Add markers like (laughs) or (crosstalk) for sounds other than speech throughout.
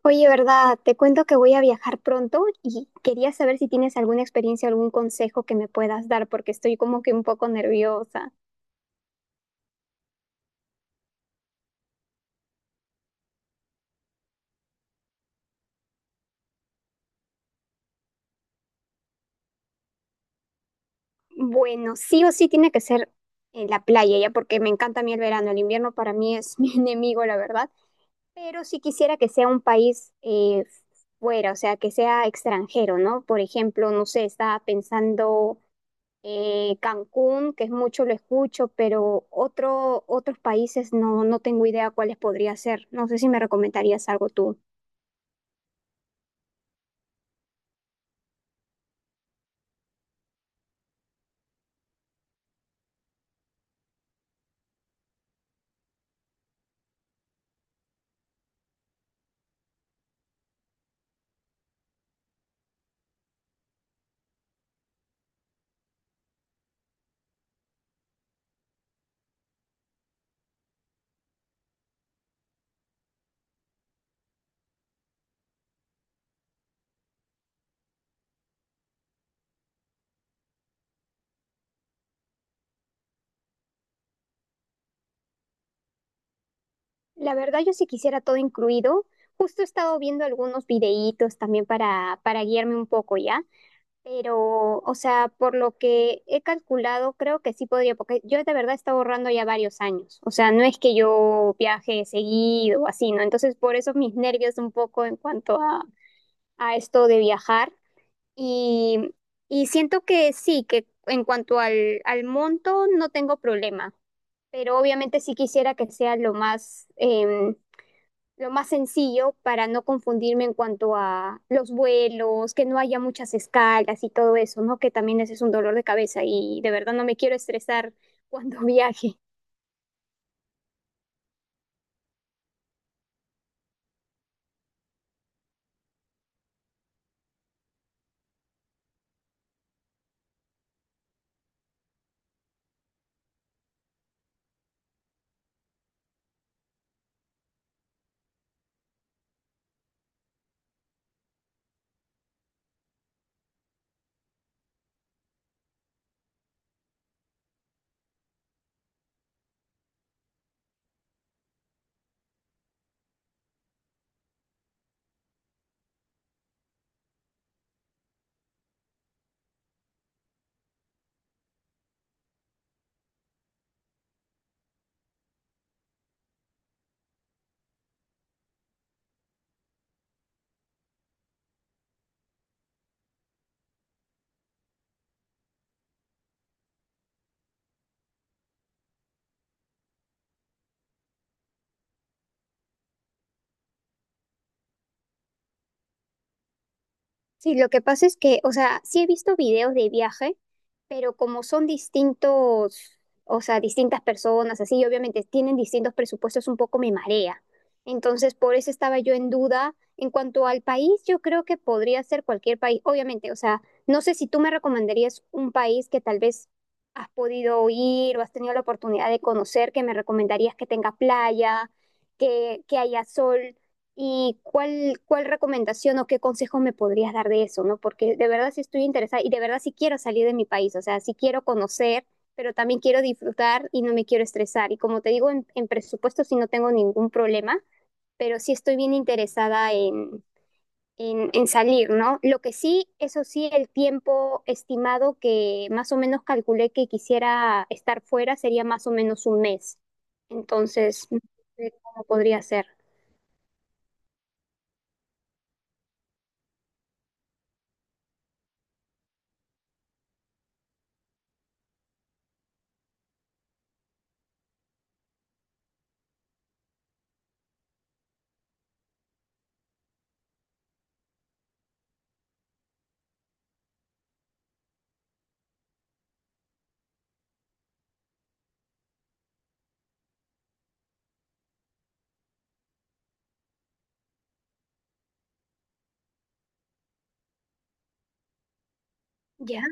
Oye, ¿verdad? Te cuento que voy a viajar pronto y quería saber si tienes alguna experiencia o algún consejo que me puedas dar porque estoy como que un poco nerviosa. Bueno, sí o sí tiene que ser en la playa, ya porque me encanta a mí el verano. El invierno para mí es (laughs) mi enemigo, la verdad. Pero sí quisiera que sea un país fuera, o sea, que sea extranjero, ¿no? Por ejemplo, no sé, estaba pensando Cancún, que es mucho lo escucho, pero otros países no, no tengo idea cuáles podría ser. No sé si me recomendarías algo tú. La verdad, yo sí quisiera todo incluido. Justo he estado viendo algunos videítos también para guiarme un poco ya, pero, o sea, por lo que he calculado, creo que sí podría, porque yo de verdad he estado ahorrando ya varios años, o sea, no es que yo viaje seguido o así, ¿no? Entonces, por eso mis nervios un poco en cuanto a esto de viajar, Y, y siento que sí, que en cuanto al monto no tengo problema, pero obviamente sí quisiera que sea lo más, lo más sencillo para no confundirme en cuanto a los vuelos, que no haya muchas escalas y todo eso, ¿no? Que también ese es un dolor de cabeza y de verdad no me quiero estresar cuando (laughs) viaje. Sí, lo que pasa es que, o sea, sí he visto videos de viaje, pero como son distintos, o sea, distintas personas, así, y obviamente tienen distintos presupuestos, un poco me marea. Entonces, por eso estaba yo en duda. En cuanto al país, yo creo que podría ser cualquier país, obviamente, o sea, no sé si tú me recomendarías un país que tal vez has podido ir o has tenido la oportunidad de conocer, que me recomendarías que tenga playa, que haya sol. ¿Y cuál recomendación o qué consejo me podrías dar de eso, no? Porque de verdad sí estoy interesada y de verdad sí quiero salir de mi país, o sea, sí quiero conocer, pero también quiero disfrutar y no me quiero estresar. Y como te digo, en presupuesto sí no tengo ningún problema, pero sí estoy bien interesada en salir, ¿no? Lo que sí, eso sí, el tiempo estimado que más o menos calculé que quisiera estar fuera sería más o menos un mes. Entonces, no sé cómo podría ser. Ya.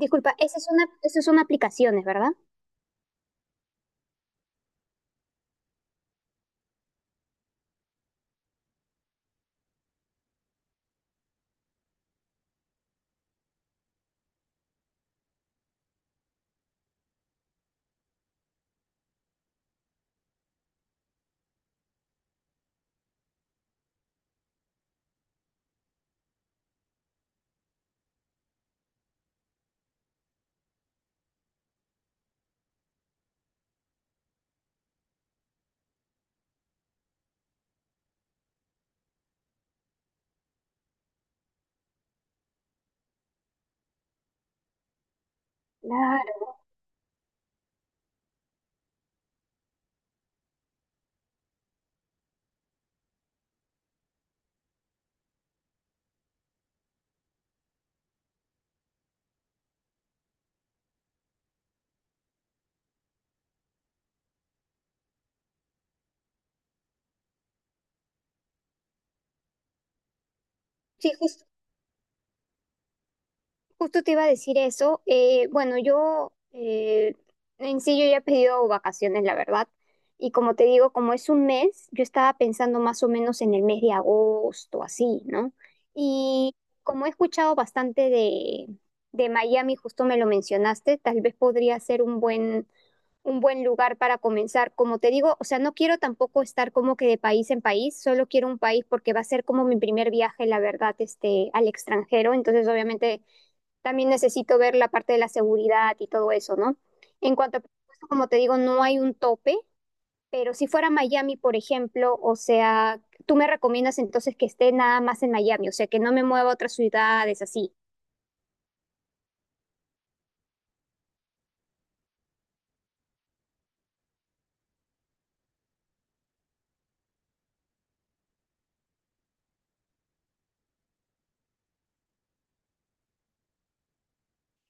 Disculpa, esas son, esas son aplicaciones, ¿verdad? Claro. Sí, justo. Justo te iba a decir eso. Bueno, yo en sí yo ya he pedido vacaciones, la verdad. Y como te digo, como es un mes, yo estaba pensando más o menos en el mes de agosto, así, ¿no? Y como he escuchado bastante de Miami, justo me lo mencionaste, tal vez podría ser un un buen lugar para comenzar. Como te digo, o sea, no quiero tampoco estar como que de país en país, solo quiero un país porque va a ser como mi primer viaje, la verdad, este, al extranjero. Entonces, obviamente también necesito ver la parte de la seguridad y todo eso, ¿no? En cuanto a presupuesto, como te digo, no hay un tope, pero si fuera Miami, por ejemplo, o sea, tú me recomiendas entonces que esté nada más en Miami, o sea, que no me mueva a otras ciudades así.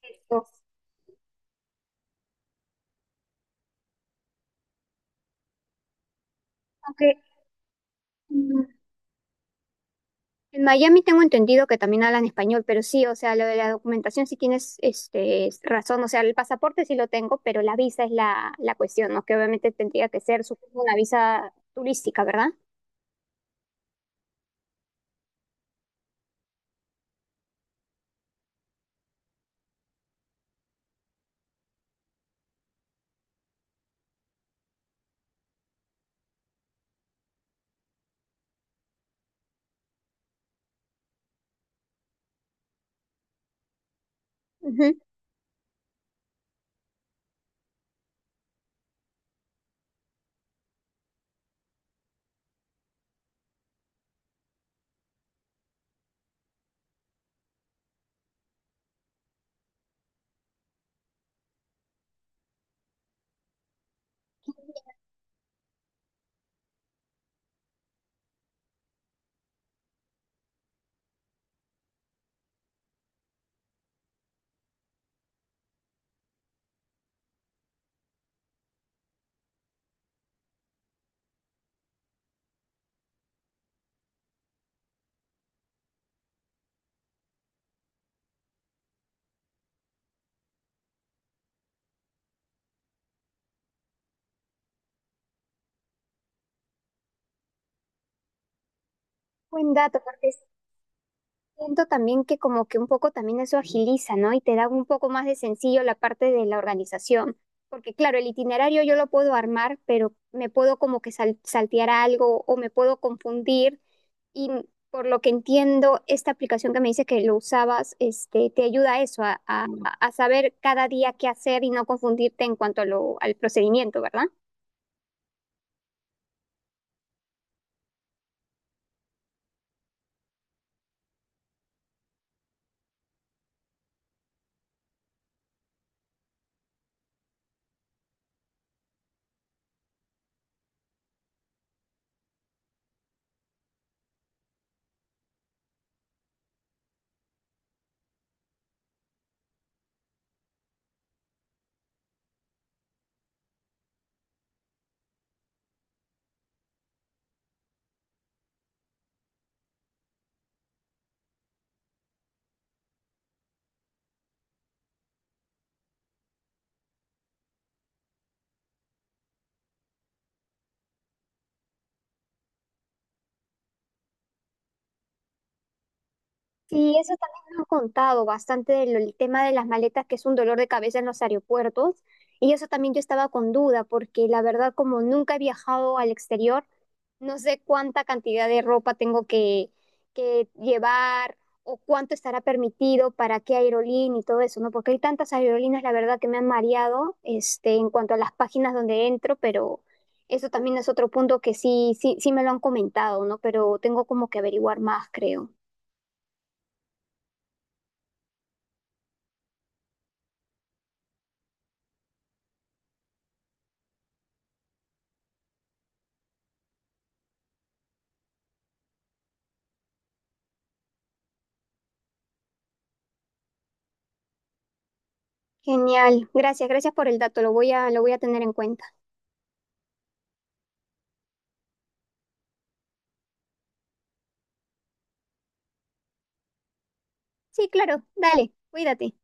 Esto, aunque mm, en Miami tengo entendido que también hablan español, pero sí, o sea, lo de la documentación sí tienes este, razón, o sea, el pasaporte sí lo tengo, pero la visa es la cuestión, ¿no? Que obviamente tendría que ser, supongo, una visa turística, ¿verdad? Ujú. Buen dato, porque siento también que como que un poco también eso agiliza, ¿no? Y te da un poco más de sencillo la parte de la organización, porque claro, el itinerario yo lo puedo armar, pero me puedo como que saltear algo o me puedo confundir. Y por lo que entiendo, esta aplicación que me dice que lo usabas, este, te ayuda a eso, a saber cada día qué hacer y no confundirte en cuanto a lo, al procedimiento, ¿verdad? Sí, eso también me han contado bastante del el tema de las maletas, que es un dolor de cabeza en los aeropuertos. Y eso también yo estaba con duda, porque la verdad, como nunca he viajado al exterior, no sé cuánta cantidad de ropa tengo que llevar o cuánto estará permitido para qué aerolínea y todo eso, ¿no? Porque hay tantas aerolíneas, la verdad, que me han mareado, este, en cuanto a las páginas donde entro, pero eso también es otro punto que sí me lo han comentado, ¿no? Pero tengo como que averiguar más, creo. Genial, gracias por el dato, lo voy lo voy a tener en cuenta. Sí, claro, dale, cuídate.